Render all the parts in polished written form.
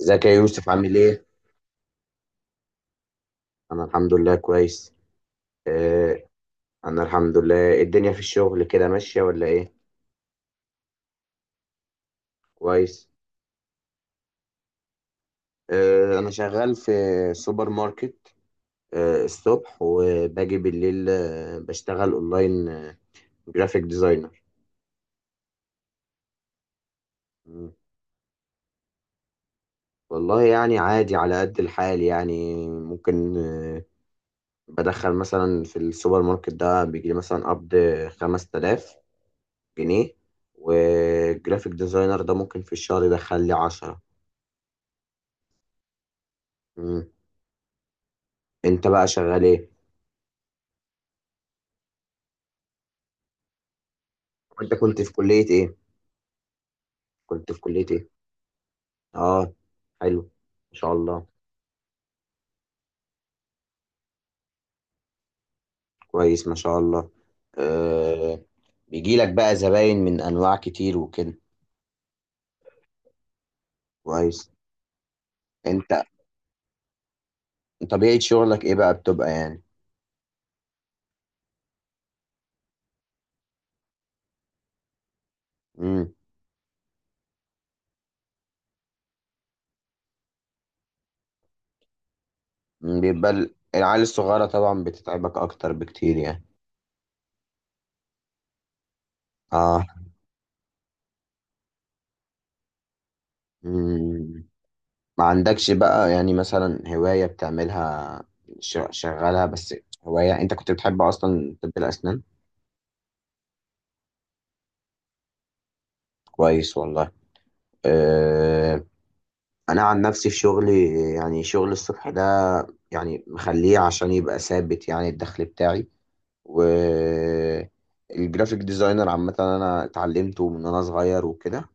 ازيك يا يوسف عامل ايه؟ انا الحمد لله كويس. آه انا الحمد لله الدنيا في الشغل كده ماشية ولا ايه؟ كويس. انا شغال في سوبر ماركت، الصبح وباجي بالليل، بشتغل اونلاين، جرافيك ديزاينر. مم. والله يعني عادي على قد الحال، يعني ممكن. بدخل مثلا في السوبر ماركت ده، بيجي لي مثلا قبض 5000 جنيه، وجرافيك ديزاينر ده ممكن في الشهر يدخل لي 10. انت بقى شغال ايه؟ وانت كنت في كلية ايه؟ كنت في كلية ايه؟ اه، حلو. ما شاء الله. كويس، ما شاء الله. آه. بيجي لك بقى زباين من انواع كتير وكده؟ كويس. انت طبيعة شغلك ايه بقى، بتبقى يعني؟ امم. بيبقى العيال الصغيرة طبعا بتتعبك اكتر بكتير يعني. اه. مم. ما عندكش بقى يعني مثلا هواية بتعملها، شغالها بس؟ هواية انت كنت بتحب اصلا طب الاسنان؟ كويس والله. آه، انا عن نفسي في شغلي، يعني شغل الصبح ده يعني مخليه عشان يبقى ثابت يعني الدخل بتاعي، و الجرافيك ديزاينر عامة انا اتعلمته من وانا صغير وكده.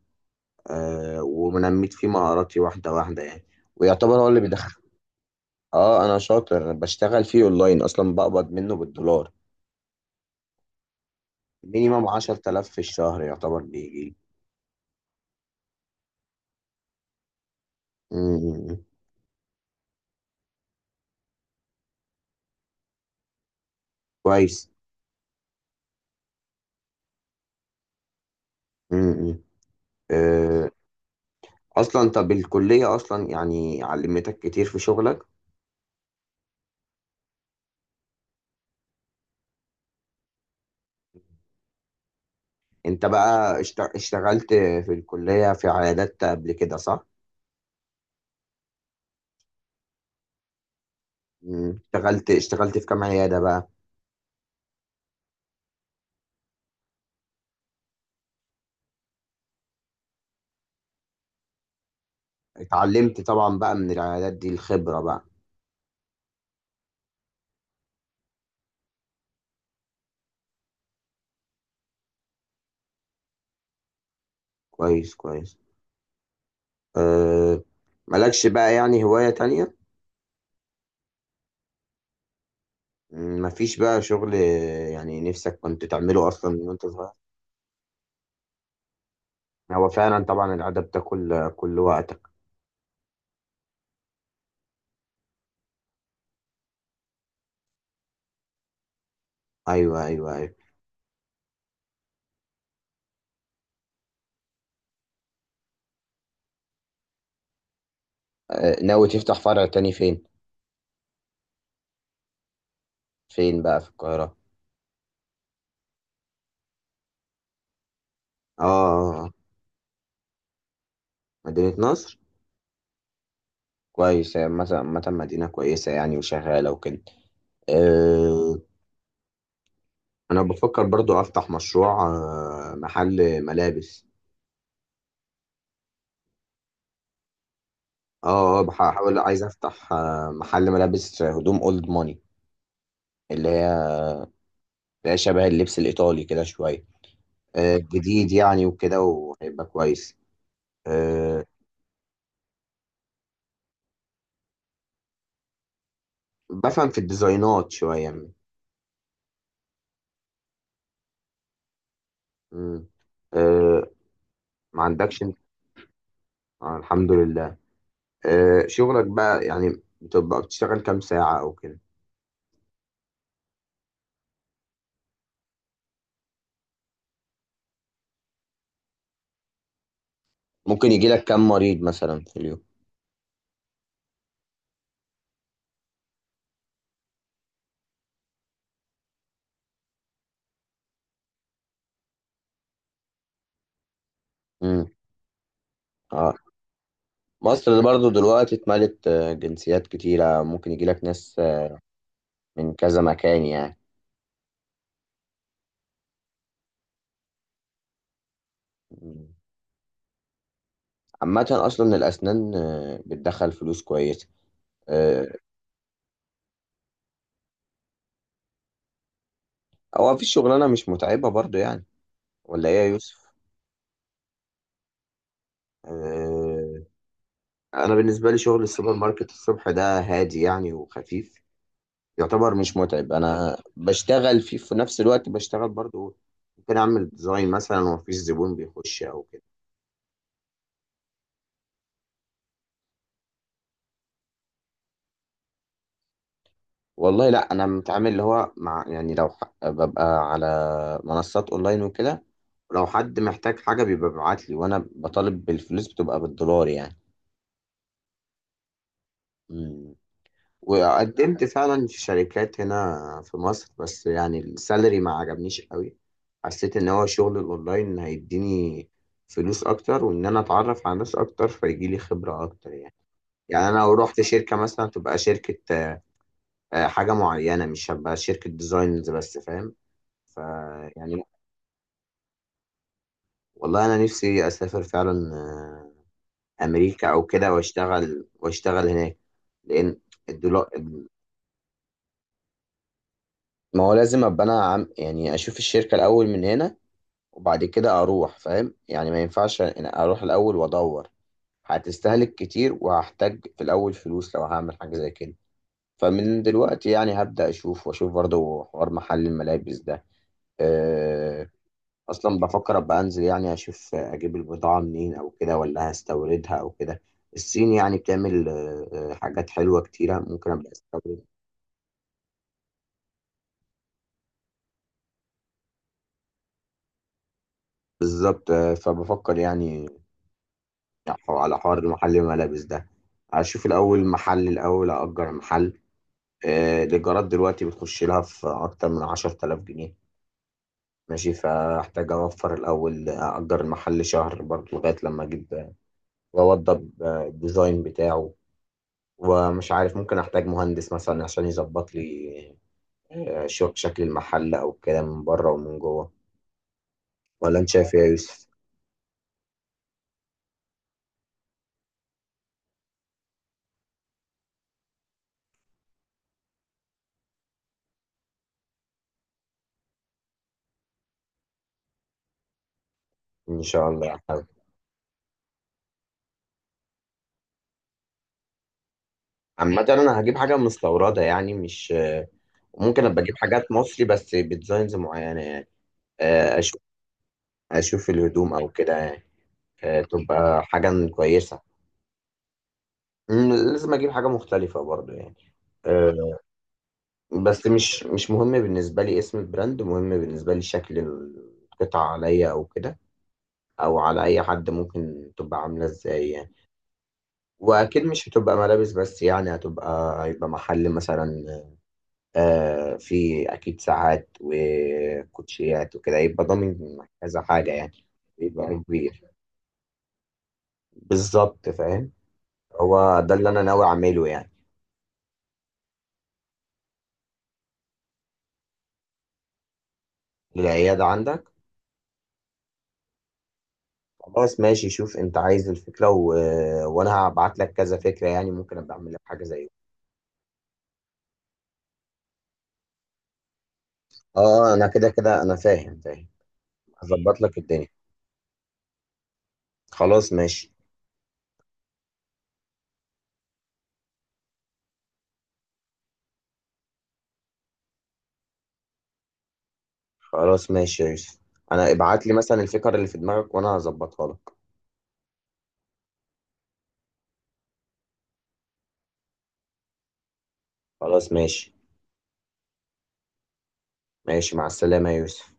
ونميت فيه مهاراتي واحدة واحدة يعني، ويعتبر هو اللي بيدخل. اه انا شاطر، أنا بشتغل فيه اونلاين اصلا، بقبض منه بالدولار مينيمم 10000 في الشهر يعتبر بيجي. م- م- م. كويس. م- م. اصلا طب الكلية اصلا يعني علمتك كتير في شغلك. انت بقى اشتغلت في الكلية في عيادات قبل كده، صح؟ مم. اشتغلت في كام عيادة بقى؟ اتعلمت طبعا بقى من العيادات دي الخبرة بقى؟ كويس كويس. أه. مالكش بقى يعني هواية تانية؟ مفيش بقى شغل، يعني نفسك كنت تعمله اصلا من وانت صغير؟ هو فعلا طبعا العادة بتاكل كل وقتك. ايوه ايوه ايوه. أه، ناوي تفتح فرع تاني فين؟ فين بقى في القاهرة؟ اه. مدينة نصر؟ كويسة، مثلا مدينة كويسة يعني، وشغالة وكده؟ أه. أنا بفكر برضو أفتح مشروع، محل ملابس. اه، بحاول عايز أفتح، محل ملابس هدوم أولد ماني، اللي هي، اللي هي شبه اللبس الإيطالي كده شوية. أه، جديد يعني وكده وهيبقى كويس. أه، بفهم في الديزاينات شوية. مم. أه. ما عندكش انت؟ آه، الحمد لله. أه، شغلك بقى يعني بتبقى بتشتغل كام ساعة أو كده؟ ممكن يجي لك كام مريض مثلا في اليوم؟ امم. اه. مصر برضو دلوقتي اتملت جنسيات كتيرة، ممكن يجي لك ناس من كذا مكان يعني. مم. عامة أصلا الأسنان بتدخل فلوس كويسة. آه، هو مفيش شغلانة مش متعبة برضو يعني، ولا إيه يا يوسف؟ آه، أنا بالنسبة لي شغل السوبر ماركت الصبح ده هادي يعني وخفيف، يعتبر مش متعب. أنا بشتغل فيه في نفس الوقت بشتغل برضو، ممكن أعمل ديزاين مثلا ومفيش زبون بيخش أو كده. والله لا، انا متعامل اللي هو مع، يعني لو ببقى على منصات اونلاين وكده. لو حد محتاج حاجه بيبقى بيبعت لي وانا بطالب بالفلوس، بتبقى بالدولار يعني. مم. وقدمت فعلا في شركات هنا في مصر، بس يعني السالري ما عجبنيش قوي. حسيت ان هو شغل الاونلاين هيديني فلوس اكتر، وان انا اتعرف على ناس اكتر فيجي لي خبره اكتر يعني. يعني انا لو رحت شركه مثلا، تبقى شركه، حاجه معينه، مش هبقى شركه ديزاينز بس، فاهم؟ ف يعني والله انا نفسي اسافر فعلا، امريكا او كده، واشتغل هناك. لان الدولار، ما هو لازم ابقى انا عم يعني اشوف الشركه الاول من هنا وبعد كده اروح فاهم يعني. ما ينفعش إن اروح الاول وادور، هتستهلك كتير وهحتاج في الاول فلوس لو هعمل حاجه زي كده. فمن دلوقتي يعني هبدا اشوف، واشوف برضه حوار محل الملابس ده. آه، اصلا بفكر ابقى انزل يعني اشوف اجيب البضاعه منين او كده، ولا هستوردها او كده. الصين يعني بتعمل حاجات حلوه كتيره، ممكن ابقى استورد. بالظبط. فبفكر يعني على حوار محل الملابس ده. اشوف الاول محل، الاول اجر محل. الايجارات دلوقتي بتخش لها في اكتر من 10000 جنيه، ماشي. فاحتاج اوفر الاول اجر المحل شهر برضه لغايه لما اجيب، واوضب الديزاين بتاعه. ومش عارف، ممكن احتاج مهندس مثلا عشان يظبط لي، شكل المحل او كده من بره ومن جوه. ولا انت شايف ايه يا يوسف؟ ان شاء الله هحاول. عامة انا هجيب حاجة مستوردة يعني، مش، ممكن ابقى اجيب حاجات مصري بس بديزاينز معينة يعني. آه، اشوف اشوف الهدوم او كده يعني. تبقى حاجة كويسة. لازم اجيب حاجة مختلفة برضو يعني. آه. بس مش مهم بالنسبة لي اسم البراند، مهم بالنسبة لي شكل القطعة عليا او كده، او على اي حد ممكن تبقى عامله ازاي يعني. واكيد مش هتبقى ملابس بس يعني، هيبقى محل مثلا في اكيد ساعات وكوتشيات وكده، يبقى ضامن كذا حاجه يعني. يبقى كبير. بالظبط، فاهم. هو ده اللي انا ناوي اعمله يعني. العياده عندك. خلاص ماشي، شوف انت عايز الفكره، و... وانا هبعت لك كذا فكره يعني، ممكن ابقى اعمل لك حاجه زي اه. انا كده كده انا فاهم فاهم. هظبط لك الدنيا. خلاص ماشي. خلاص ماشي يا يوسف، انا ابعت لي مثلا الفكر اللي في دماغك وانا هظبطها لك. خلاص ماشي. ماشي مع السلامة يا يوسف.